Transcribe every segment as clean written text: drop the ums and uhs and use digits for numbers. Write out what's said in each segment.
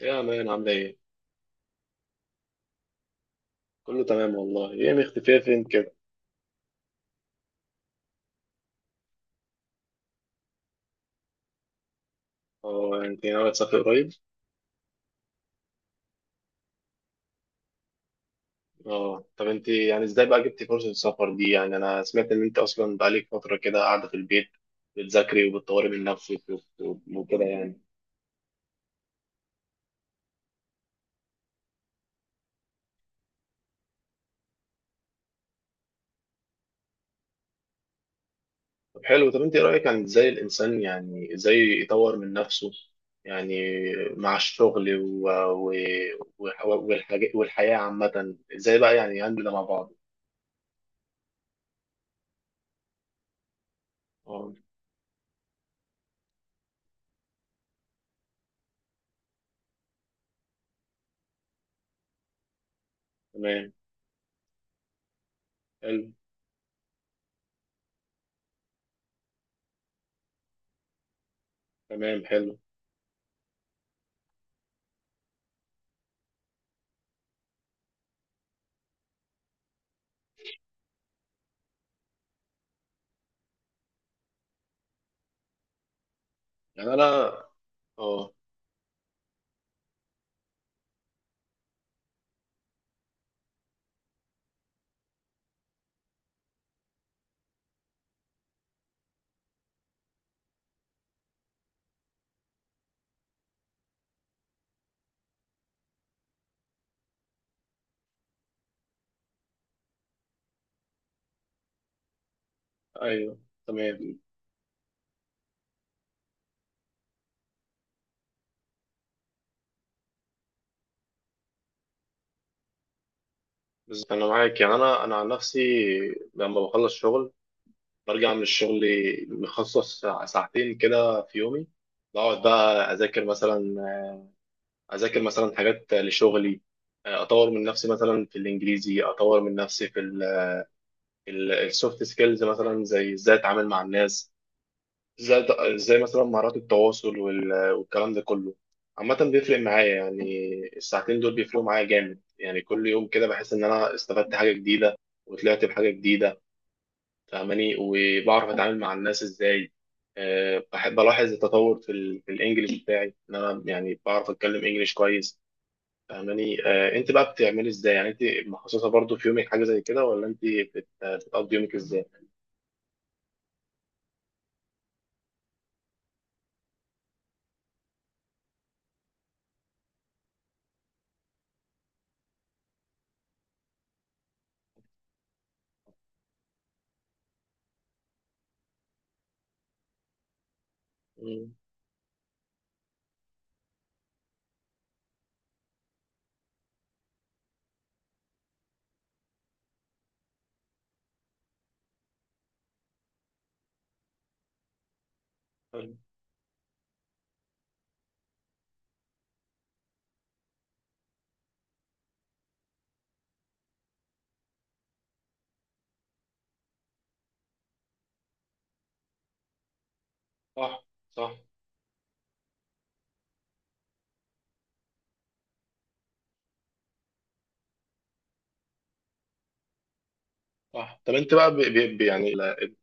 يا مان عاملة ايه؟ كله تمام والله، ايه مختفية فين كده؟ اه انت ناوية تسافري قريب؟ اه طب انت يعني ازاي بقى جبتي فرصة السفر دي؟ يعني انا سمعت ان انت اصلا بقالك فترة كده قاعدة في البيت بتذاكري وبتطوري من نفسك وكده يعني. طب حلو، طب انت ايه رأيك؟ يعني ازاي الانسان يعني ازاي يطور من نفسه يعني مع الشغل والحاجة والحياة عامة، ازاي بقى يعني يهندل ده مع بعض؟ اه. تمام حلو. تمام حلو. يعني انا. اه. ايوه تمام. بس انا معاك، يعني انا عن نفسي لما بخلص شغل برجع من الشغل مخصص ساعتين كده في يومي، بقعد بقى اذاكر مثلا، اذاكر مثلا حاجات لشغلي، اطور من نفسي مثلا في الانجليزي، اطور من نفسي في السوفت سكيلز مثلا، زي ازاي اتعامل مع الناس، زي زي مثلا مهارات التواصل والكلام ده كله. عامة بيفرق معايا يعني، الساعتين دول بيفرقوا معايا جامد، يعني كل يوم كده بحس إن أنا استفدت حاجة جديدة وطلعت بحاجة جديدة، فاهماني؟ وبعرف أتعامل مع الناس إزاي. أه بحب ألاحظ التطور في الإنجليش بتاعي، إن أنا يعني بعرف أتكلم إنجليش كويس. فاهماني؟ أه أنت بقى بتعملي إزاي؟ يعني أنت مخصصة برضو في يومك حاجة زي كده، ولا أنت بتقضي يومك إزاي؟ مم. حلو. صح. صح. صح. طب انت بقى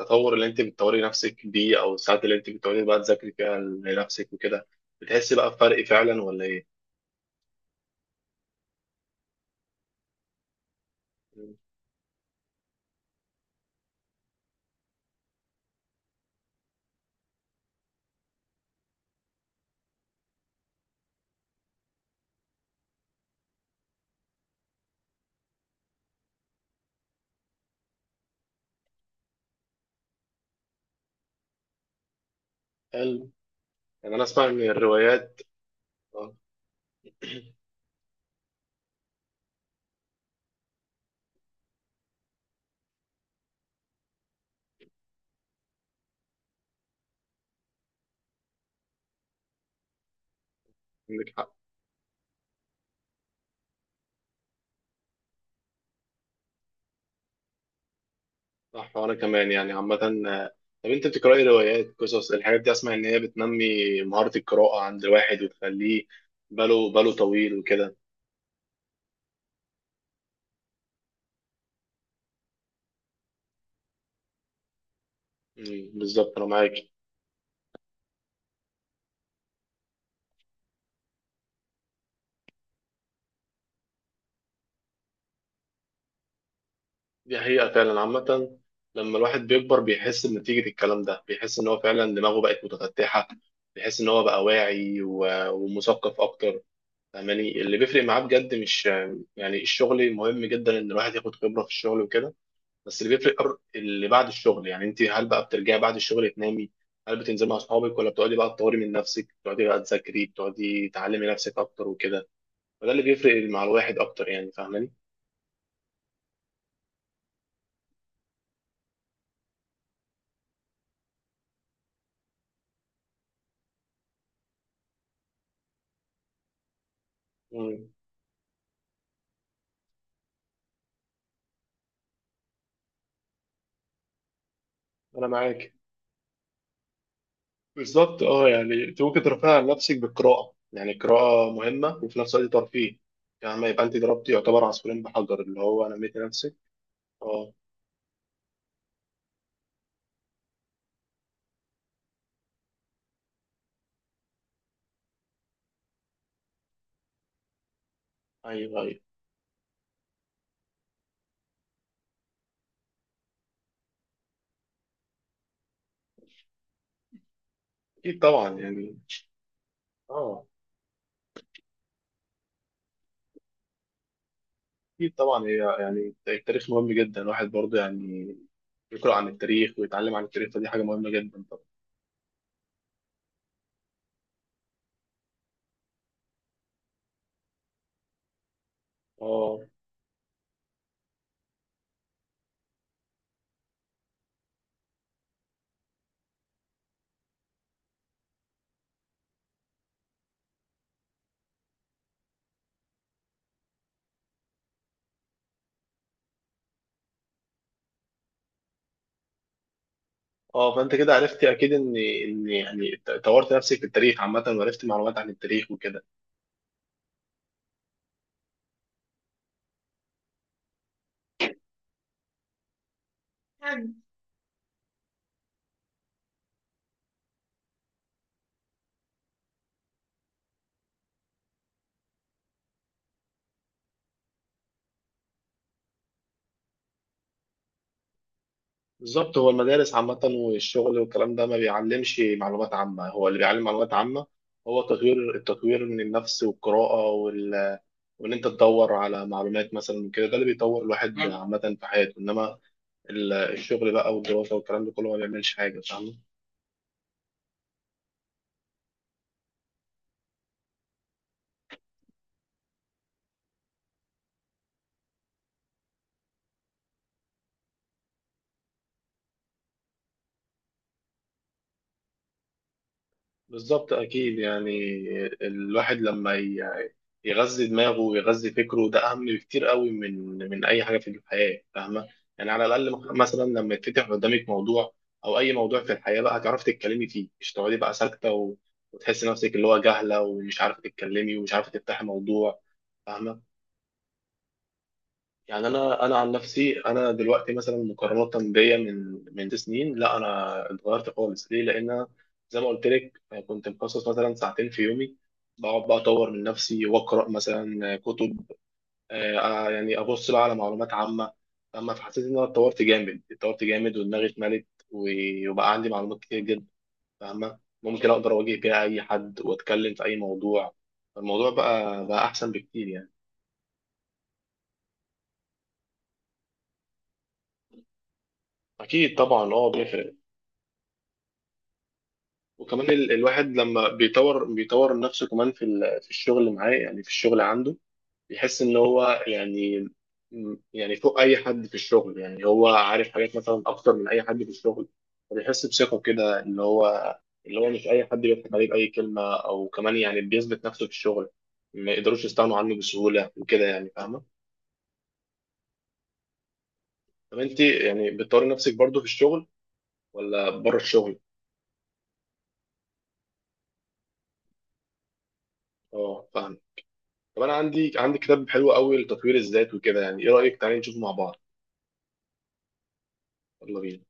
التطور اللي انت بتطوري نفسك بيه، او الساعات اللي انت بتقعدي بقى تذاكري فيها لنفسك وكده، بتحسي بقى بفرق فعلا ولا ايه؟ مم. حلو. يعني انا اسمع ان الروايات. اه. عندك حق. صح. وانا كمان يعني عامة. آه، طب انت بتقرأي روايات، قصص؟ الحاجات دي اسمع ان هي بتنمي مهارة القراءة عند الواحد وتخليه باله طويل وكده. مم، بالظبط انا معاك. دي حقيقة فعلا عامة. لما الواحد بيكبر بيحس بنتيجة الكلام ده، بيحس إن هو فعلا دماغه بقت متفتحة، بيحس إن هو بقى واعي ومثقف أكتر. فاهماني؟ اللي بيفرق معاه بجد مش يعني الشغل، مهم جدا إن الواحد ياخد خبرة في الشغل وكده، بس اللي بيفرق اللي بعد الشغل. يعني أنت هل بقى بترجعي بعد الشغل تنامي، هل بتنزلي مع أصحابك، ولا بتقعدي بقى تطوري من نفسك، بتقعدي بقى تذاكري، بتقعدي تعلمي نفسك أكتر وكده؟ فده اللي بيفرق مع الواحد أكتر يعني، فاهماني؟ مم. أنا معاك بالظبط. اه يعني انت ممكن ترفعي عن نفسك بالقراءة، يعني القراءة مهمة وفي نفس الوقت ترفيه. يعني ما يبقى انت ضربتي يعتبر عصفورين بحجر، اللي هو نميتي نفسك. اه. ايوه ايوه. اكيد طبعا يعني. اه. اكيد طبعا، هي يعني التاريخ مهم جدا، الواحد برضه يعني يقرأ عن التاريخ ويتعلم عن التاريخ، فدي حاجة مهمة جدا طبعا. اه. اه، فانت كده عرفتي اكيد ان ان يعني طورت نفسك في التاريخ عامة، وعرفتي معلومات عن التاريخ وكده. بالظبط. هو المدارس عامة والشغل والكلام ده ما بيعلمش معلومات عامة، هو اللي بيعلم معلومات عامة هو تطوير، التطوير من النفس والقراءة وإن أنت تدور على معلومات مثلا من كده، ده اللي بيطور الواحد عامة في حياته. إنما الشغل بقى والدراسة والكلام ده كله ما بيعملش حاجة، فاهم؟ بالظبط. اكيد يعني الواحد لما يغذي دماغه ويغذي فكره، ده اهم بكتير قوي من اي حاجه في الحياه، فاهمه؟ يعني على الاقل مثلا لما يتفتح قدامك موضوع، او اي موضوع في الحياه، بقى هتعرفي تتكلمي فيه، مش تقعدي بقى ساكته وتحسي نفسك اللي هو جاهله ومش عارفه تتكلمي ومش عارفه تفتحي موضوع، فاهمه؟ يعني انا عن نفسي، انا دلوقتي مثلا مقارنه بيا من سنين، لا انا اتغيرت خالص. ليه؟ لان أنا زي ما قلت لك كنت مخصص مثلا ساعتين في يومي، بقعد بقى اطور من نفسي واقرا مثلا كتب، آه، يعني ابص بقى على معلومات عامه. اما فحسيت ان انا اتطورت جامد، اتطورت جامد ودماغي اتملت وبقى عندي معلومات كتير جدا، فاهمه؟ ممكن اقدر اواجه بيها اي حد واتكلم في اي موضوع. الموضوع بقى احسن بكتير يعني. اكيد طبعا، اه بيفرق. وكمان الواحد لما بيطور نفسه كمان في في الشغل اللي معاه، يعني في الشغل عنده بيحس ان هو يعني يعني فوق اي حد في الشغل، يعني هو عارف حاجات مثلا اكتر من اي حد في الشغل، فبيحس بثقة كده، اللي هو اللي هو مش اي حد بيضحك عليه باي كلمة، او كمان يعني بيثبت نفسه في الشغل، ما يقدروش يستغنوا عنه بسهولة وكده يعني، فاهمة؟ طب انت يعني بتطوري نفسك برضو في الشغل ولا بره الشغل؟ اه فاهمة. طب انا عندي كتاب حلو قوي لتطوير الذات وكده، يعني ايه رايك تعالي نشوفه مع بعض؟ يلا بينا.